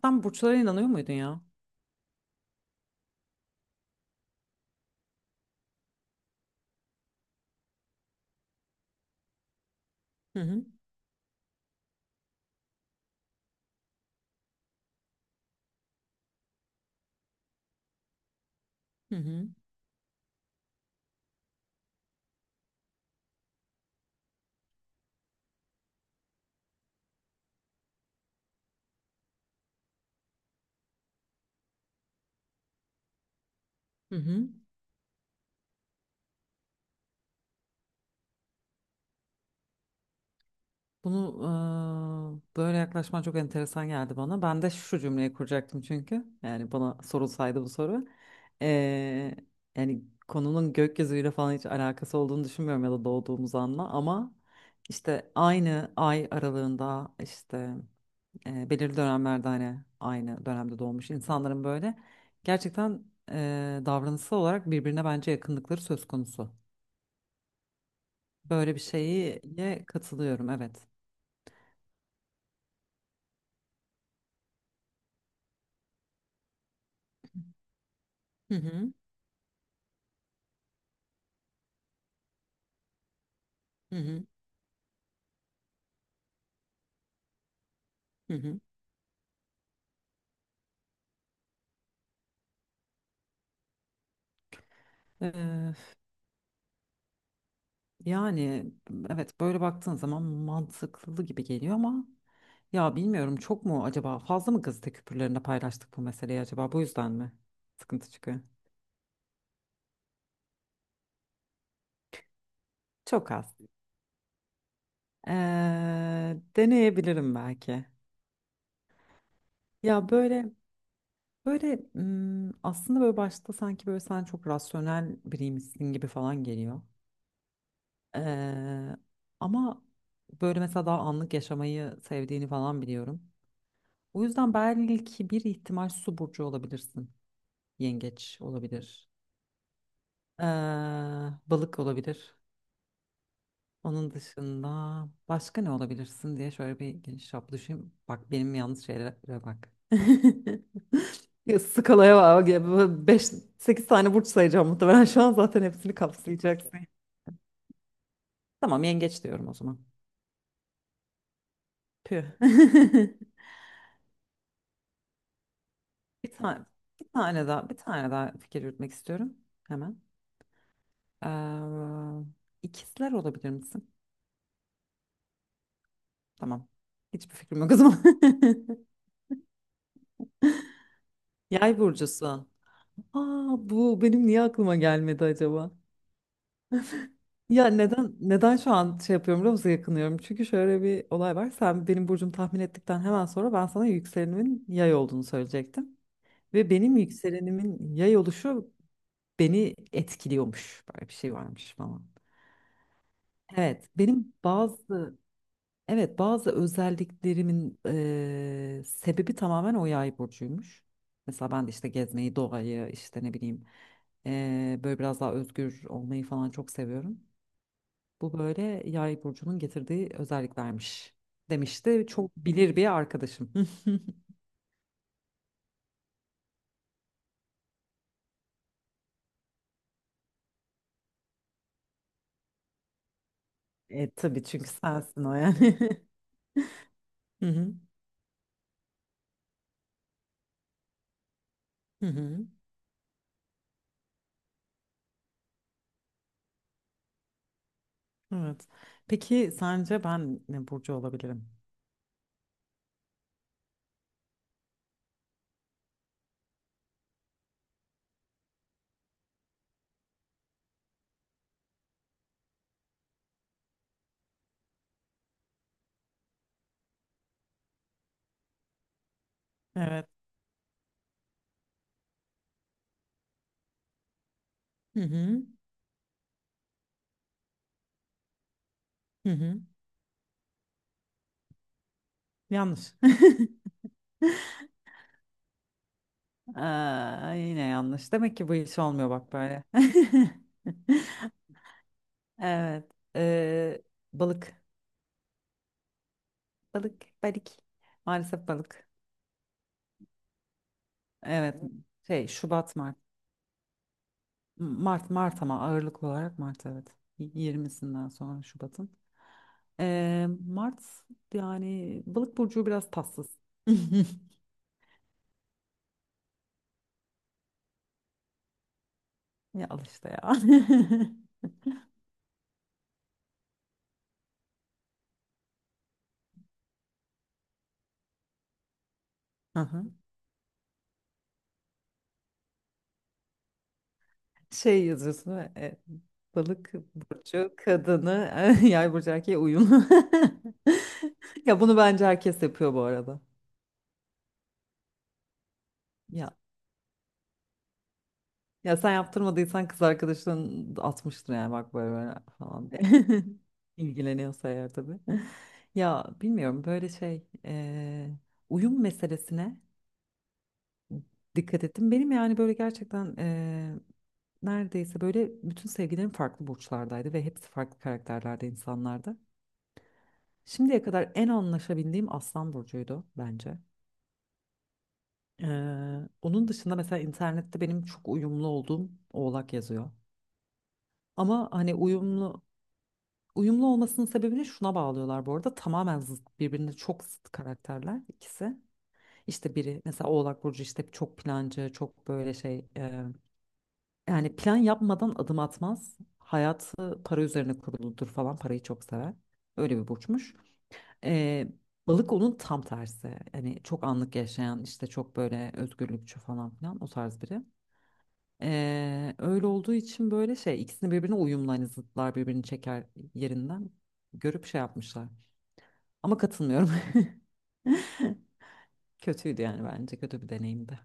Sen burçlara inanıyor muydun ya? Hı hı. Hı hı. Hı hı. Bunu böyle yaklaşman çok enteresan geldi bana. Ben de şu cümleyi kuracaktım çünkü. Yani bana sorulsaydı bu soru. Eee, yani konunun gökyüzüyle falan hiç alakası olduğunu düşünmüyorum ya da doğduğumuz anla. Ama işte aynı ay aralığında işte belirli dönemlerde hani aynı dönemde doğmuş insanların böyle gerçekten davranışsal olarak birbirine bence yakınlıkları söz konusu. Böyle bir şeye katılıyorum, evet. Hı hı, hı hı. Hı hı. Ee, yani evet, böyle baktığın zaman mantıklı gibi geliyor ama ya bilmiyorum, çok mu acaba, fazla mı gazete küpürlerinde paylaştık bu meseleyi, acaba bu yüzden mi sıkıntı çıkıyor? Çok az. Deneyebilirim belki. Ya böyle hmm, aslında böyle başta sanki böyle sen çok rasyonel biriymişsin gibi falan geliyor. Eee, ama böyle mesela daha anlık yaşamayı sevdiğini falan biliyorum. O yüzden belki bir ihtimal su burcu olabilirsin. Yengeç olabilir. Eee, balık olabilir. Onun dışında başka ne olabilirsin diye şöyle bir geniş çaplı düşün. Bak benim yanlış şeylere bak. Ya Skalaya bak. 5 8 tane burç sayacağım muhtemelen. Şu an zaten hepsini kapsayacaksın. Tamam, yengeç diyorum o zaman. Püh. Bir tane, bir tane daha, bir tane daha fikir yürütmek istiyorum hemen. Ee, ikizler olabilir misin? Tamam. Hiçbir fikrim yok o zaman. Yay burcusu. Aa, bu benim niye aklıma gelmedi acaba? Ya neden şu an şey yapıyorum biliyor musun, yakınıyorum? Çünkü şöyle bir olay var. Sen benim burcumu tahmin ettikten hemen sonra ben sana yükselenimin yay olduğunu söyleyecektim. Ve benim yükselenimin yay oluşu beni etkiliyormuş. Böyle bir şey varmış falan. Evet, benim bazı Evet, bazı özelliklerimin sebebi tamamen o yay burcuymuş. Mesela ben de işte gezmeyi, doğayı, işte ne bileyim böyle biraz daha özgür olmayı falan çok seviyorum. Bu böyle yay burcunun getirdiği özelliklermiş demişti. Çok bilir bir arkadaşım. E, tabii çünkü sensin o yani. Hı hı, hı hı. Evet. Peki sence ben ne burcu olabilirim? Evet. Hı hı, hı hı. Yanlış. Aa, yine yanlış. Demek ki bu iş olmuyor bak böyle. Evet. Balık. Balık. Balık. Maalesef balık. Evet. Şey, Şubat Mart. Mart Mart, ama ağırlık olarak Mart, evet. Y- Yirmisinden sonra Şubat'ın. Mart yani balık burcu biraz tatsız. Ya al işte ya. Hı. Şey yazıyorsun değil mi? E, balık burcu kadını yay burcu erkeğe uyumlu. Ya bunu bence herkes yapıyor bu arada. Ya ya sen yaptırmadıysan kız arkadaşın atmıştır yani bak böyle, böyle falan diye. İlgileniyorsa eğer tabii. Ya bilmiyorum böyle şey e, uyum meselesine dikkat ettim. Benim yani böyle gerçekten e, neredeyse böyle bütün sevgilerim farklı burçlardaydı ve hepsi farklı karakterlerde insanlardı. Şimdiye kadar en anlaşabildiğim Aslan Burcu'ydu bence. Onun dışında mesela internette benim çok uyumlu olduğum Oğlak yazıyor. Ama hani uyumlu olmasının sebebini şuna bağlıyorlar bu arada. Tamamen zıt, birbirine çok zıt karakterler ikisi. İşte biri mesela Oğlak Burcu işte çok plancı, çok böyle şey e, yani plan yapmadan adım atmaz. Hayatı para üzerine kuruludur falan, parayı çok sever. Öyle bir burçmuş. Ee, balık onun tam tersi. Hani çok anlık yaşayan işte çok böyle özgürlükçü falan filan o tarz biri. Öyle olduğu için böyle şey ikisini birbirine uyumlu, hani zıtlar birbirini çeker yerinden görüp şey yapmışlar. Ama katılmıyorum. Kötüydü yani, bence kötü bir deneyimdi.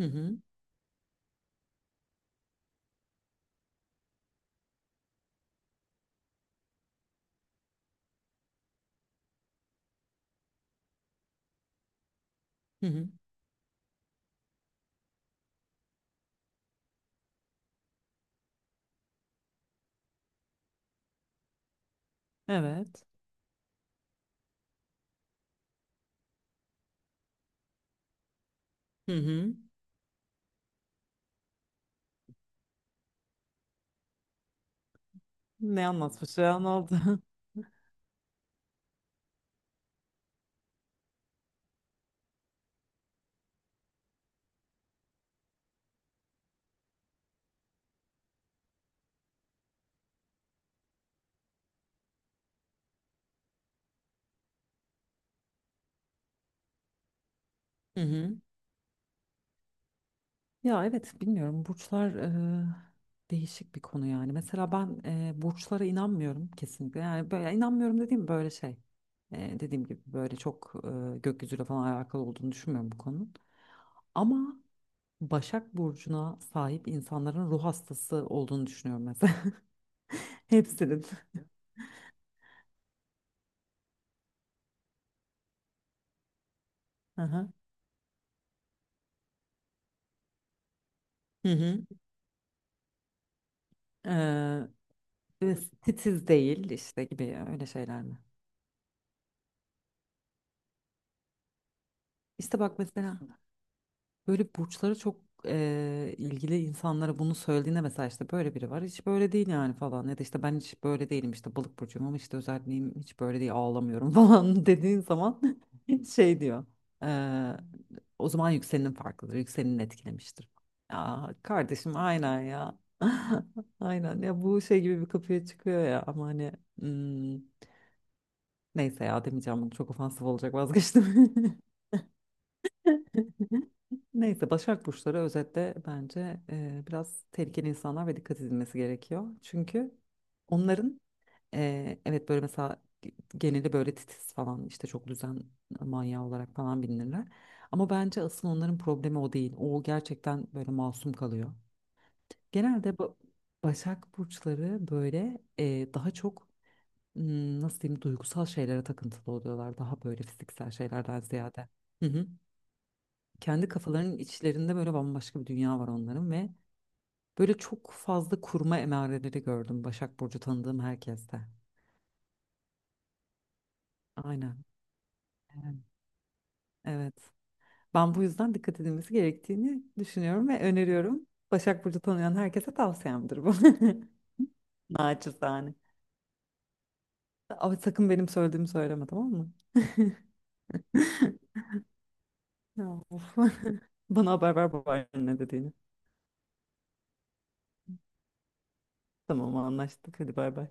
Hı hı. Hı hı. Evet. Hı hı. Ne anlatmış ya, ne oldu? Hı hı. Ya evet bilmiyorum, burçlar e, değişik bir konu yani. Mesela ben e, burçlara inanmıyorum kesinlikle. Yani böyle inanmıyorum dediğim böyle şey. E, dediğim gibi böyle çok e, gökyüzüyle falan alakalı olduğunu düşünmüyorum bu konunun. Ama Başak Burcu'na sahip insanların ruh hastası olduğunu düşünüyorum mesela. Hepsinin. Aha. Hı hı. E, ve titiz değil işte gibi öyle şeyler mi? İşte bak mesela. Böyle burçlara çok ilgili insanlara bunu söylediğinde mesela işte böyle biri var hiç böyle değil yani falan ya da işte ben hiç böyle değilim işte balık burcuyum ama işte özelliğim hiç böyle değil ağlamıyorum falan dediğin zaman şey diyor eee, o zaman yükselenin farklıdır, yükselenin etkilemiştir. Ya kardeşim aynen ya aynen ya, bu şey gibi bir kapıya çıkıyor ya, ama hani hmm, neyse ya demeyeceğim, bunu çok ofansif olacak, vazgeçtim. Neyse, Başak Burçları özetle bence e, biraz tehlikeli insanlar ve dikkat edilmesi gerekiyor. Çünkü onların e, evet böyle mesela geneli böyle titiz falan işte çok düzen manyağı olarak falan bilinirler. Ama bence asıl onların problemi o değil. O gerçekten böyle masum kalıyor. Genelde bu Başak Burçları böyle e, daha çok hmm, nasıl diyeyim, duygusal şeylere takıntılı oluyorlar. Daha böyle fiziksel şeylerden ziyade. Hı hı. Kendi kafalarının içlerinde böyle bambaşka bir dünya var onların ve böyle çok fazla kurma emareleri gördüm Başak Burcu tanıdığım herkeste. Aynen. Evet. Evet. Ben bu yüzden dikkat edilmesi gerektiğini düşünüyorum ve öneriyorum. Başak Burcu tanıyan herkese tavsiyemdir bu. Naçizane. Ama sakın benim söylediğimi söyleme, tamam mı? Ya, of. Bana haber ver babaanne ne dediğini. Tamam anlaştık, hadi bay bay.